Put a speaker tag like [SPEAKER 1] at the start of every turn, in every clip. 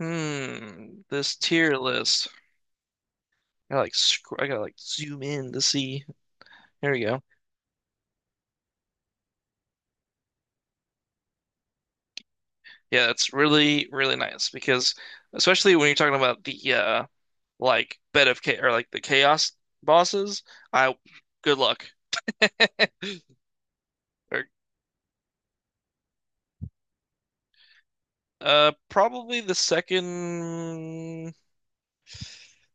[SPEAKER 1] Hmm, this tier list. I gotta like zoom in to see. There we go. Yeah, that's really really nice because especially when you're talking about the like bed of cha or like the chaos bosses. I Good luck. Or, probably the second.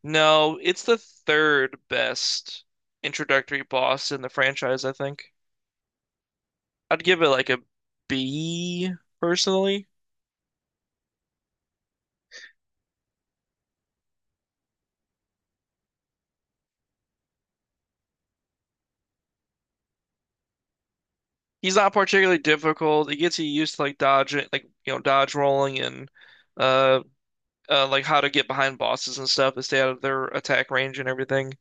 [SPEAKER 1] No, it's the third best introductory boss in the franchise. I think I'd give it like a B personally. He's not particularly difficult. It gets you used to like dodging, like dodge rolling and uh, like how to get behind bosses and stuff to stay out of their attack range and everything.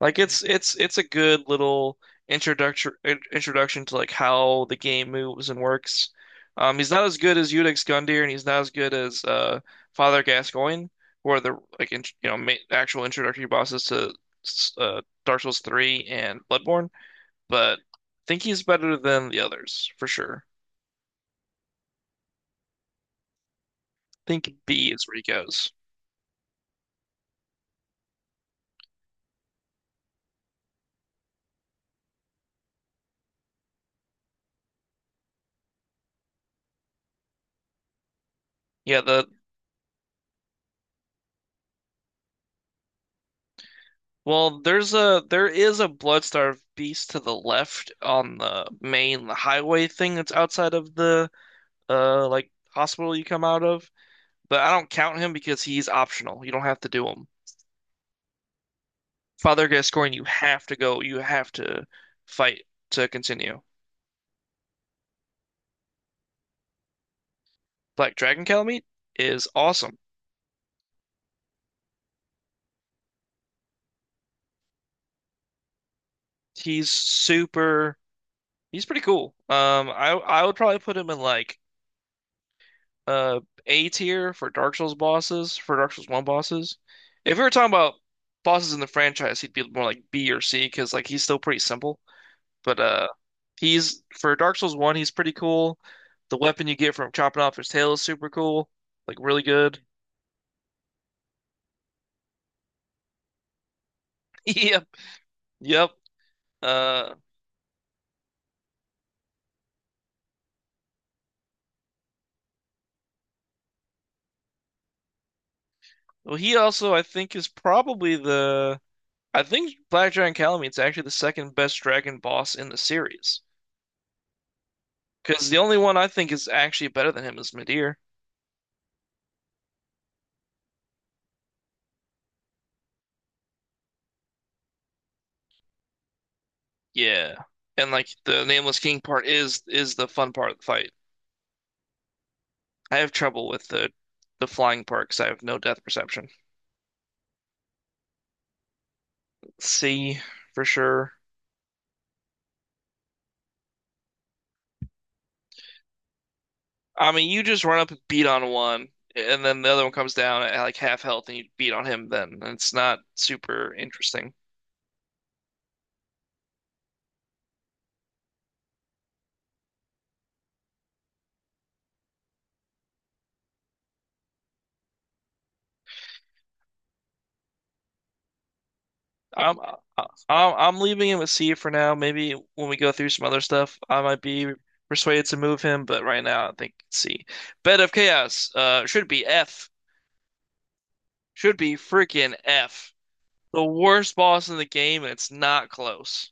[SPEAKER 1] Like it's a good little introduction introduction to like how the game moves and works. He's not as good as Eudex Gundyr, and he's not as good as Father Gascoigne, who are the like int you know ma actual introductory bosses to Dark Souls 3 and Bloodborne, but I think he's better than the others for sure. Think B is where he goes. Yeah, the well, there is a Bloodstar beast to the left on the main highway thing that's outside of the like hospital you come out of, but I don't count him because he's optional. You don't have to do him. Father Gascoigne, you have to go. You have to fight to continue. Black Dragon Calamite is awesome. He's super. He's pretty cool. I would probably put him in like uh A tier for Dark Souls bosses, for Dark Souls 1 bosses. If we were talking about bosses in the franchise, he'd be more like B or C because like he's still pretty simple. But he's for Dark Souls 1, he's pretty cool. The weapon you get from chopping off his tail is super cool. Like really good. Yep. Yep. Uh well he also I think is probably the. I think Black Dragon Calamine's actually the second best dragon boss in the series. Because the only one I think is actually better than him is Midir. Yeah. And like the Nameless King part is the fun part of the fight. I have trouble with the flying part because I have no depth perception. See, for sure. I mean, you just run up and beat on one, and then the other one comes down at like half health, and you beat on him. Then and it's not super interesting. I'm I'm I'm leaving him with C for now. Maybe when we go through some other stuff, I might be persuaded to move him. But right now, I think C. Bed of Chaos should be F. Should be freaking F. The worst boss in the game, and it's not close.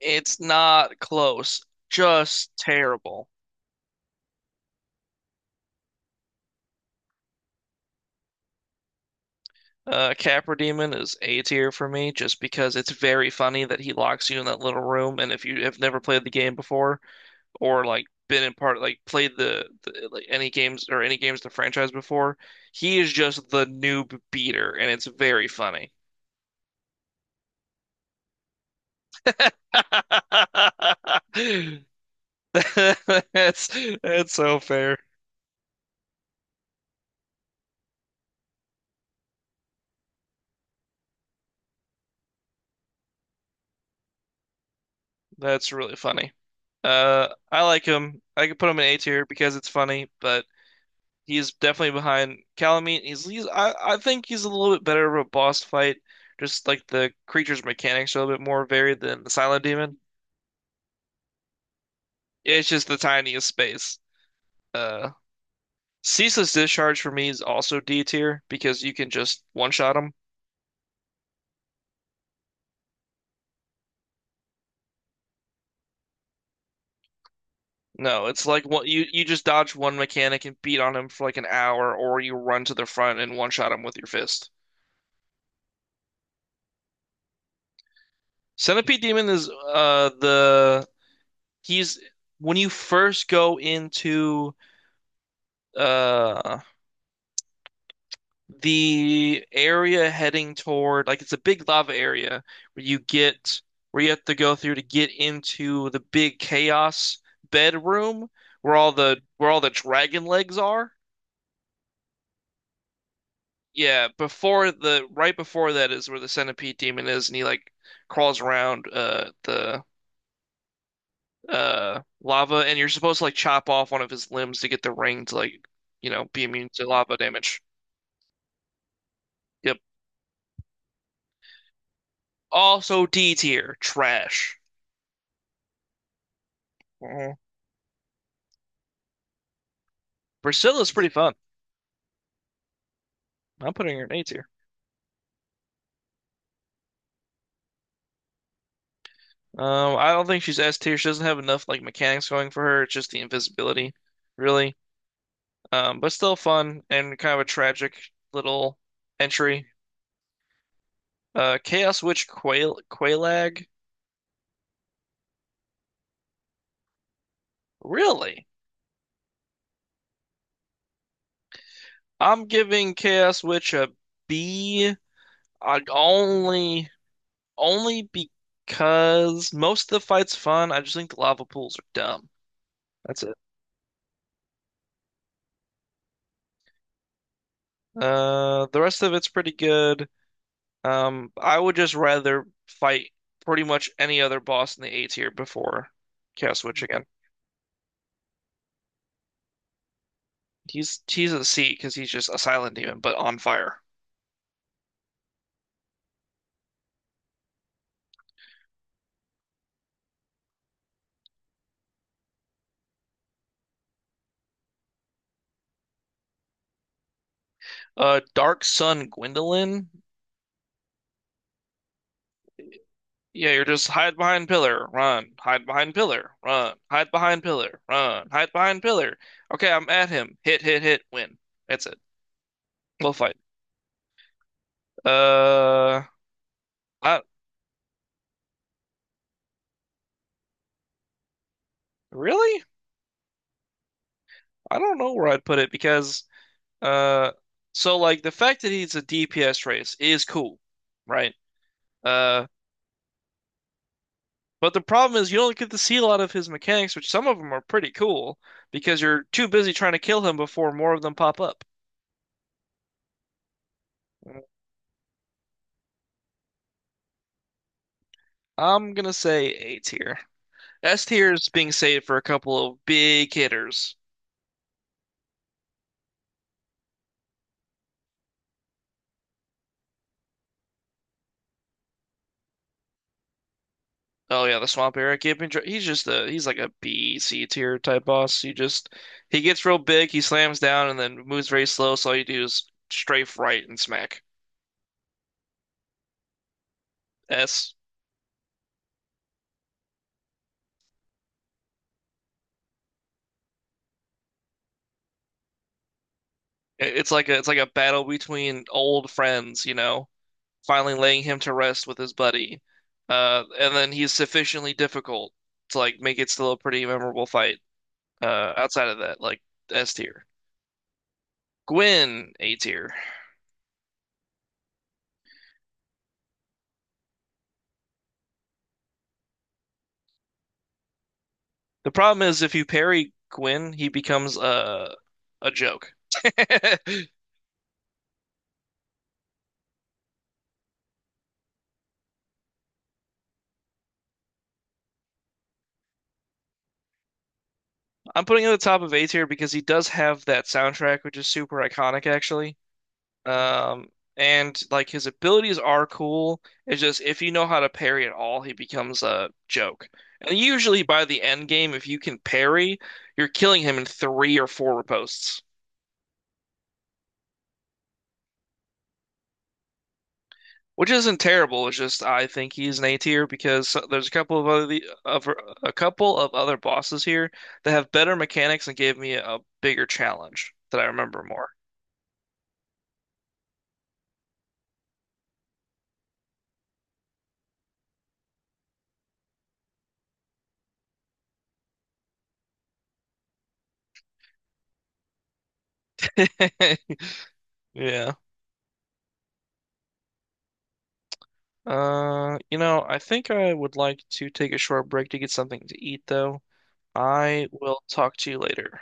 [SPEAKER 1] It's not close. Just terrible. Capra Demon is A tier for me just because it's very funny that he locks you in that little room, and if you have never played the game before or like been in part like played the like any games or any games in the franchise before, he is just the noob beater, and it's very funny. That's that's so fair. That's really funny. I like him. I could put him in A tier because it's funny, but he's definitely behind Calamite. I think he's a little bit better of a boss fight. Just like the creature's mechanics are a little bit more varied than the Silent Demon. It's just the tiniest space. Uh, Ceaseless Discharge for me is also D tier because you can just one shot him. No, it's like one, you just dodge one mechanic and beat on him for like an hour, or you run to the front and one shot him with your fist. Centipede Demon is the he's when you first go into uh the area heading toward like it's a big lava area where you get where you have to go through to get into the big chaos bedroom where all the dragon legs are. Yeah, before the right before that is where the Centipede Demon is and he like crawls around the lava and you're supposed to like chop off one of his limbs to get the ring to like be immune to lava damage. Yep. Also D tier, trash. Mhm. Priscilla's pretty fun. I'm putting her in A tier. I don't think she's S tier. She doesn't have enough like mechanics going for her. It's just the invisibility, really. But still fun and kind of a tragic little entry. Chaos Witch Quailag. Really? I'm giving Chaos Witch a B. I only Only because most of the fight's fun. I just think the lava pools are dumb. That's it. The rest of it's pretty good. I would just rather fight pretty much any other boss in the A tier before Chaos Witch again. He's a C because he's just a silent demon, but on fire. Dark Sun Gwendolyn. Yeah, you're just hide behind pillar, run, hide behind pillar, run, hide behind pillar, run, hide behind pillar. Okay, I'm at him. Hit, hit, hit, win. That's it. We'll fight. Uh, I Really? I don't know where I'd put it because uh, so like the fact that he's a DPS race is cool, right? Uh, but the problem is you don't get to see a lot of his mechanics, which some of them are pretty cool because you're too busy trying to kill him before more of them pop up. I'm gonna say A tier. S tier is being saved for a couple of big hitters. Oh yeah, the swamp area keeping. He's just a he's like a B C tier type boss. He just he gets real big, he slams down, and then moves very slow. So all you do is strafe right and smack. S. It's like a battle between old friends, finally laying him to rest with his buddy. And then he's sufficiently difficult to like make it still a pretty memorable fight. Outside of that, like S tier. Gwyn, A tier. The problem is if you parry Gwyn, he becomes a joke. I'm putting it at the top of A tier because he does have that soundtrack, which is super iconic, actually. Um, and like his abilities are cool. It's just if you know how to parry at all, he becomes a joke. And usually by the end game, if you can parry, you're killing him in three or four riposts, which isn't terrible. It's just I think he's an A tier because there's a couple of other of a couple of other bosses here that have better mechanics and gave me a bigger challenge that I remember more. Yeah. I think I would like to take a short break to get something to eat, though. I will talk to you later.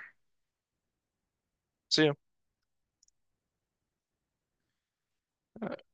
[SPEAKER 1] See you.